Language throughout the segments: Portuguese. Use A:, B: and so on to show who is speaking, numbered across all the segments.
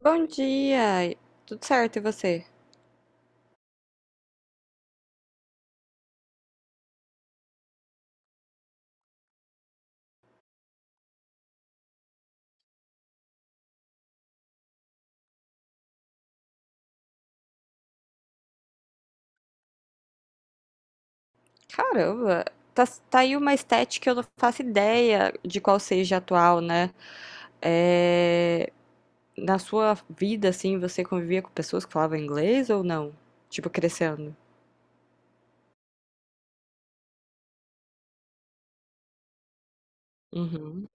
A: Bom dia! Tudo certo, e você? Caramba, tá, tá aí uma estética que eu não faço ideia de qual seja atual, né? É, Na sua vida, assim, você convivia com pessoas que falavam inglês ou não? Tipo, crescendo? Uhum.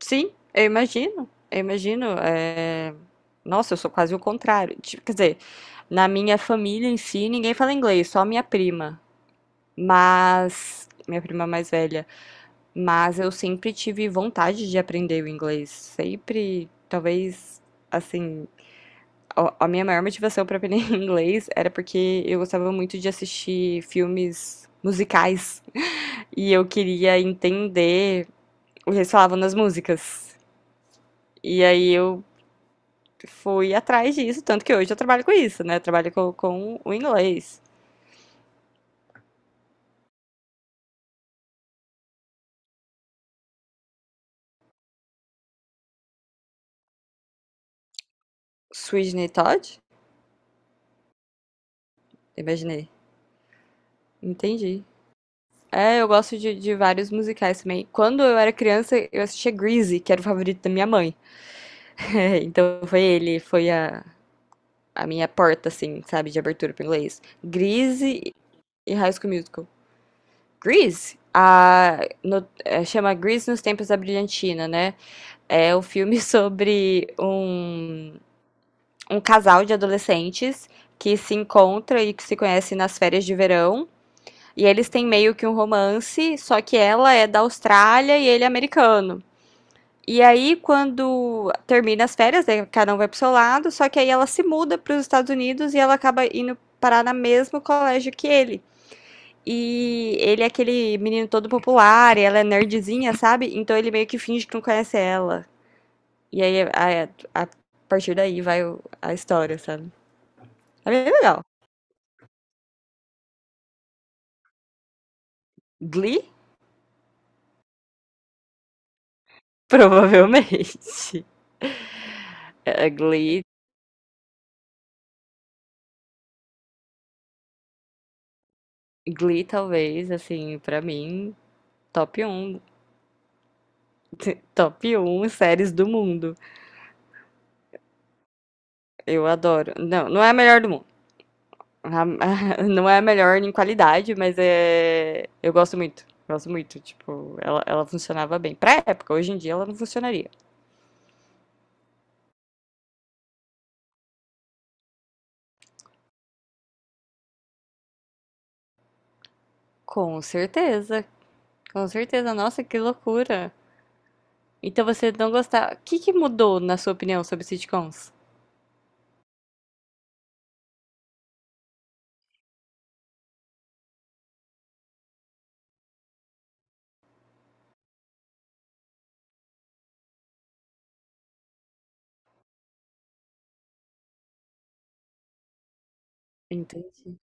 A: Sim, eu imagino, eu imagino. Nossa, eu sou quase o contrário. Tipo, quer dizer, na minha família em si, ninguém fala inglês, só minha prima. Mas, minha prima mais velha. Mas eu sempre tive vontade de aprender o inglês. Sempre, talvez, assim, a minha maior motivação para aprender inglês era porque eu gostava muito de assistir filmes musicais e eu queria entender o que eles falavam nas músicas. E aí eu fui atrás disso, tanto que hoje eu trabalho com isso, né? Eu trabalho com o inglês. Sweeney Todd? Imaginei. Entendi. É, eu gosto de vários musicais também. Quando eu era criança, eu assistia Grease, que era o favorito da minha mãe. Então foi ele, a minha porta, assim, sabe, de abertura pro inglês. Grease e High School Musical. Grease? A, no- É, chama Grease nos Tempos da Brilhantina, né? É um filme sobre um casal de adolescentes que se encontra e que se conhece nas férias de verão. E eles têm meio que um romance, só que ela é da Austrália e ele é americano. E aí, quando termina as férias, né, cada um vai pro seu lado, só que aí ela se muda para os Estados Unidos e ela acaba indo parar no mesmo colégio que ele. E ele é aquele menino todo popular, e ela é nerdzinha, sabe? Então ele meio que finge que não conhece ela. E aí, a partir daí vai a história, sabe? É bem legal. Glee? Provavelmente. É, Glee, Glee talvez, assim, pra mim, top um top um séries do mundo. Eu adoro. Não, não é a melhor do mundo. Não é a melhor em qualidade, mas é. Eu gosto muito. Gosto muito. Tipo, ela funcionava bem. Pra época, hoje em dia ela não funcionaria. Com certeza. Com certeza. Nossa, que loucura. Então você não gostava. O que que mudou, na sua opinião, sobre sitcoms? Entendi.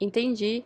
A: Entendi.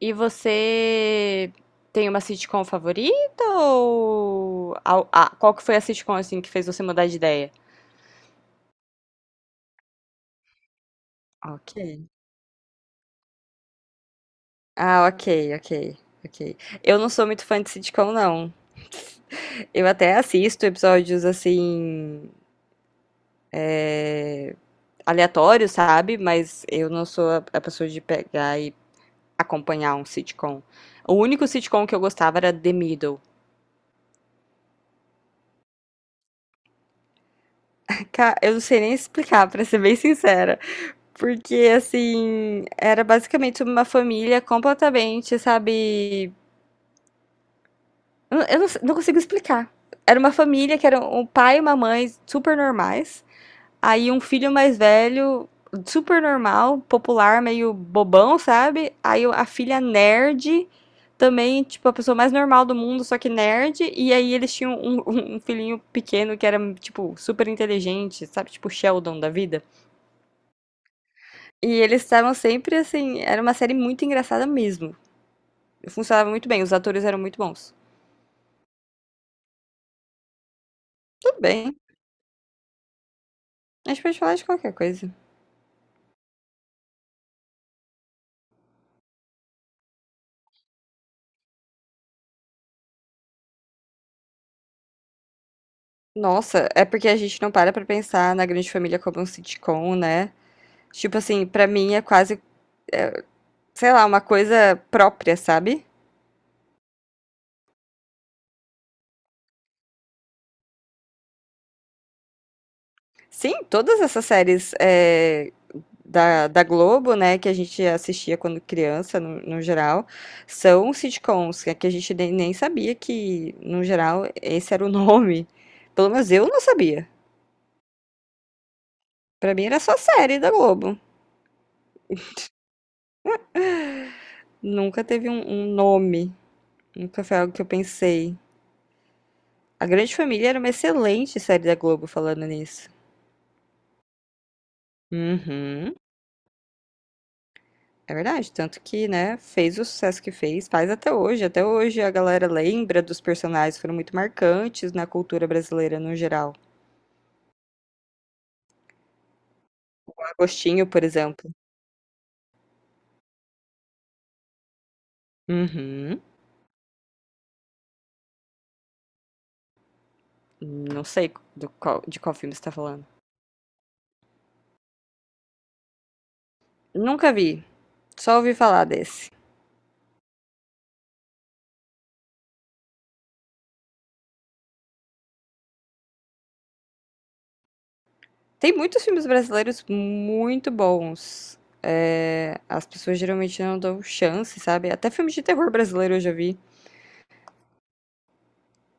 A: E você tem uma sitcom favorita ou. Qual que foi a sitcom assim que fez você mudar de ideia? Ok. Ah, ok, ok, ok. Eu não sou muito fã de sitcom, não. Eu até assisto episódios assim, aleatórios, sabe? Mas eu não sou a pessoa de pegar e acompanhar um sitcom. O único sitcom que eu gostava era The Middle. Eu não sei nem explicar, pra ser bem sincera. Porque, assim, era basicamente uma família completamente, sabe? Eu não consigo explicar. Era uma família que era um pai e uma mãe super normais. Aí um filho mais velho, super normal, popular, meio bobão, sabe? Aí a filha nerd, também, tipo, a pessoa mais normal do mundo, só que nerd. E aí eles tinham um, um filhinho pequeno que era, tipo, super inteligente, sabe? Tipo, Sheldon da vida. E eles estavam sempre assim. Era uma série muito engraçada mesmo. Funcionava muito bem, os atores eram muito bons. Tudo bem, a gente pode falar de qualquer coisa. Nossa, é porque a gente não para pra pensar na Grande Família como um sitcom, né? Tipo assim, pra mim é quase, é, sei lá, uma coisa própria, sabe? Sim, todas essas séries da Globo, né, que a gente assistia quando criança, no geral, são sitcoms, que é que a gente nem sabia que, no geral, esse era o nome. Pelo menos eu não sabia. Pra mim era só série da Globo. Nunca teve um nome. Nunca foi algo que eu pensei. A Grande Família era uma excelente série da Globo, falando nisso. Uhum. É verdade, tanto que, né, fez o sucesso que fez, faz até hoje. Até hoje a galera lembra dos personagens que foram muito marcantes na cultura brasileira no geral. O Agostinho, por exemplo. Uhum. Não sei de qual filme você tá falando. Nunca vi, só ouvi falar desse. Tem muitos filmes brasileiros muito bons. É, as pessoas geralmente não dão chance, sabe? Até filmes de terror brasileiro eu já vi.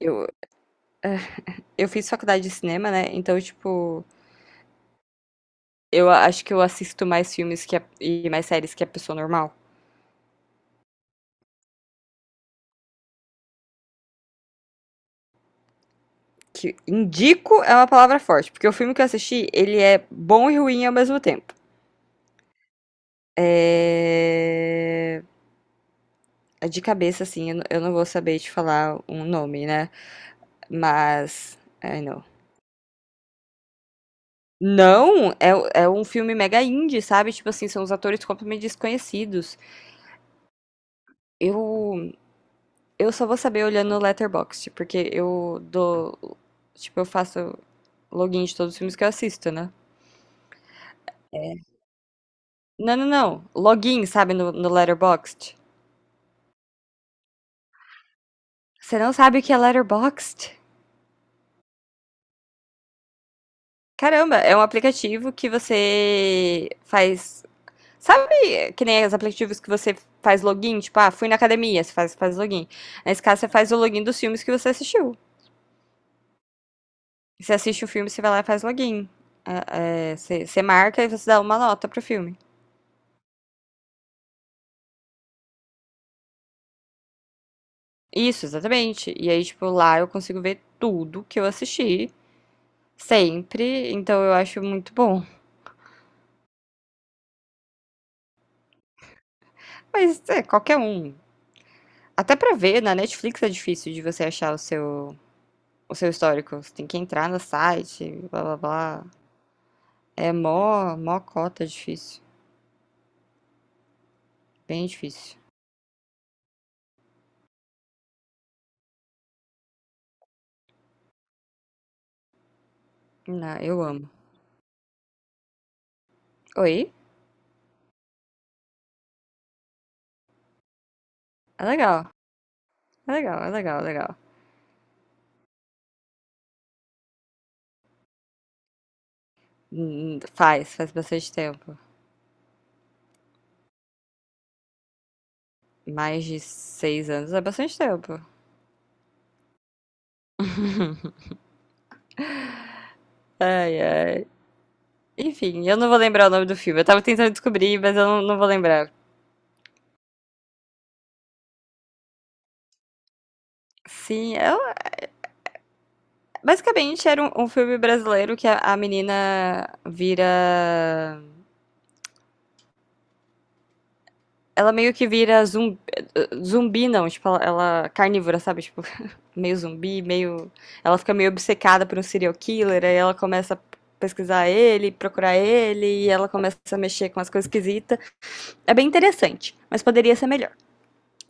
A: Eu, eu fiz faculdade de cinema, né? Então, tipo, acho que eu assisto mais filmes e mais séries que a pessoa normal. Que indico é uma palavra forte, porque o filme que eu assisti, ele é bom e ruim ao mesmo tempo. É... É de cabeça, assim, eu não vou saber te falar um nome, né? Mas. Ai, não. Não, é um filme mega indie, sabe? Tipo assim, são os atores completamente desconhecidos. Eu, eu só vou saber olhando no Letterboxd, porque eu dou. Tipo, eu faço login de todos os filmes que eu assisto, né? Não, não, não. Login, sabe, no Letterboxd. Você não sabe o que é Letterboxd? Caramba, é um aplicativo que você faz. Sabe que nem os aplicativos que você faz login? Tipo, ah, fui na academia, você faz, faz login. Nesse caso, você faz o login dos filmes que você assistiu. Você assiste o filme, você vai lá e faz login. É, é, você marca e você dá uma nota pro filme. Isso, exatamente. E aí, tipo, lá eu consigo ver tudo que eu assisti, sempre. Então eu acho muito bom. Mas é, qualquer um. Até pra ver, na Netflix é difícil de você achar o seu histórico. Você tem que entrar no site, blá blá blá. É mó, mó cota difícil. Bem difícil. Não, eu amo. Oi? É legal. É legal, é legal, é legal. Faz, faz bastante tempo. Mais de 6 anos é bastante tempo. Ai, ai. Enfim, eu não vou lembrar o nome do filme. Eu tava tentando descobrir, mas eu não, não vou lembrar. Sim, basicamente era um filme brasileiro que a menina vira. Ela meio que vira zumbi, zumbi não, tipo, ela carnívora, sabe? Tipo, meio zumbi, meio. Ela fica meio obcecada por um serial killer, aí ela começa a pesquisar ele, procurar ele, e ela começa a mexer com as coisas esquisitas. É bem interessante, mas poderia ser melhor.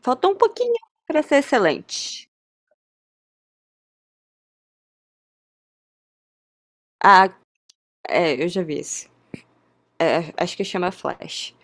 A: Faltou um pouquinho pra ser excelente. Ah, é, eu já vi esse. É, acho que chama Flash.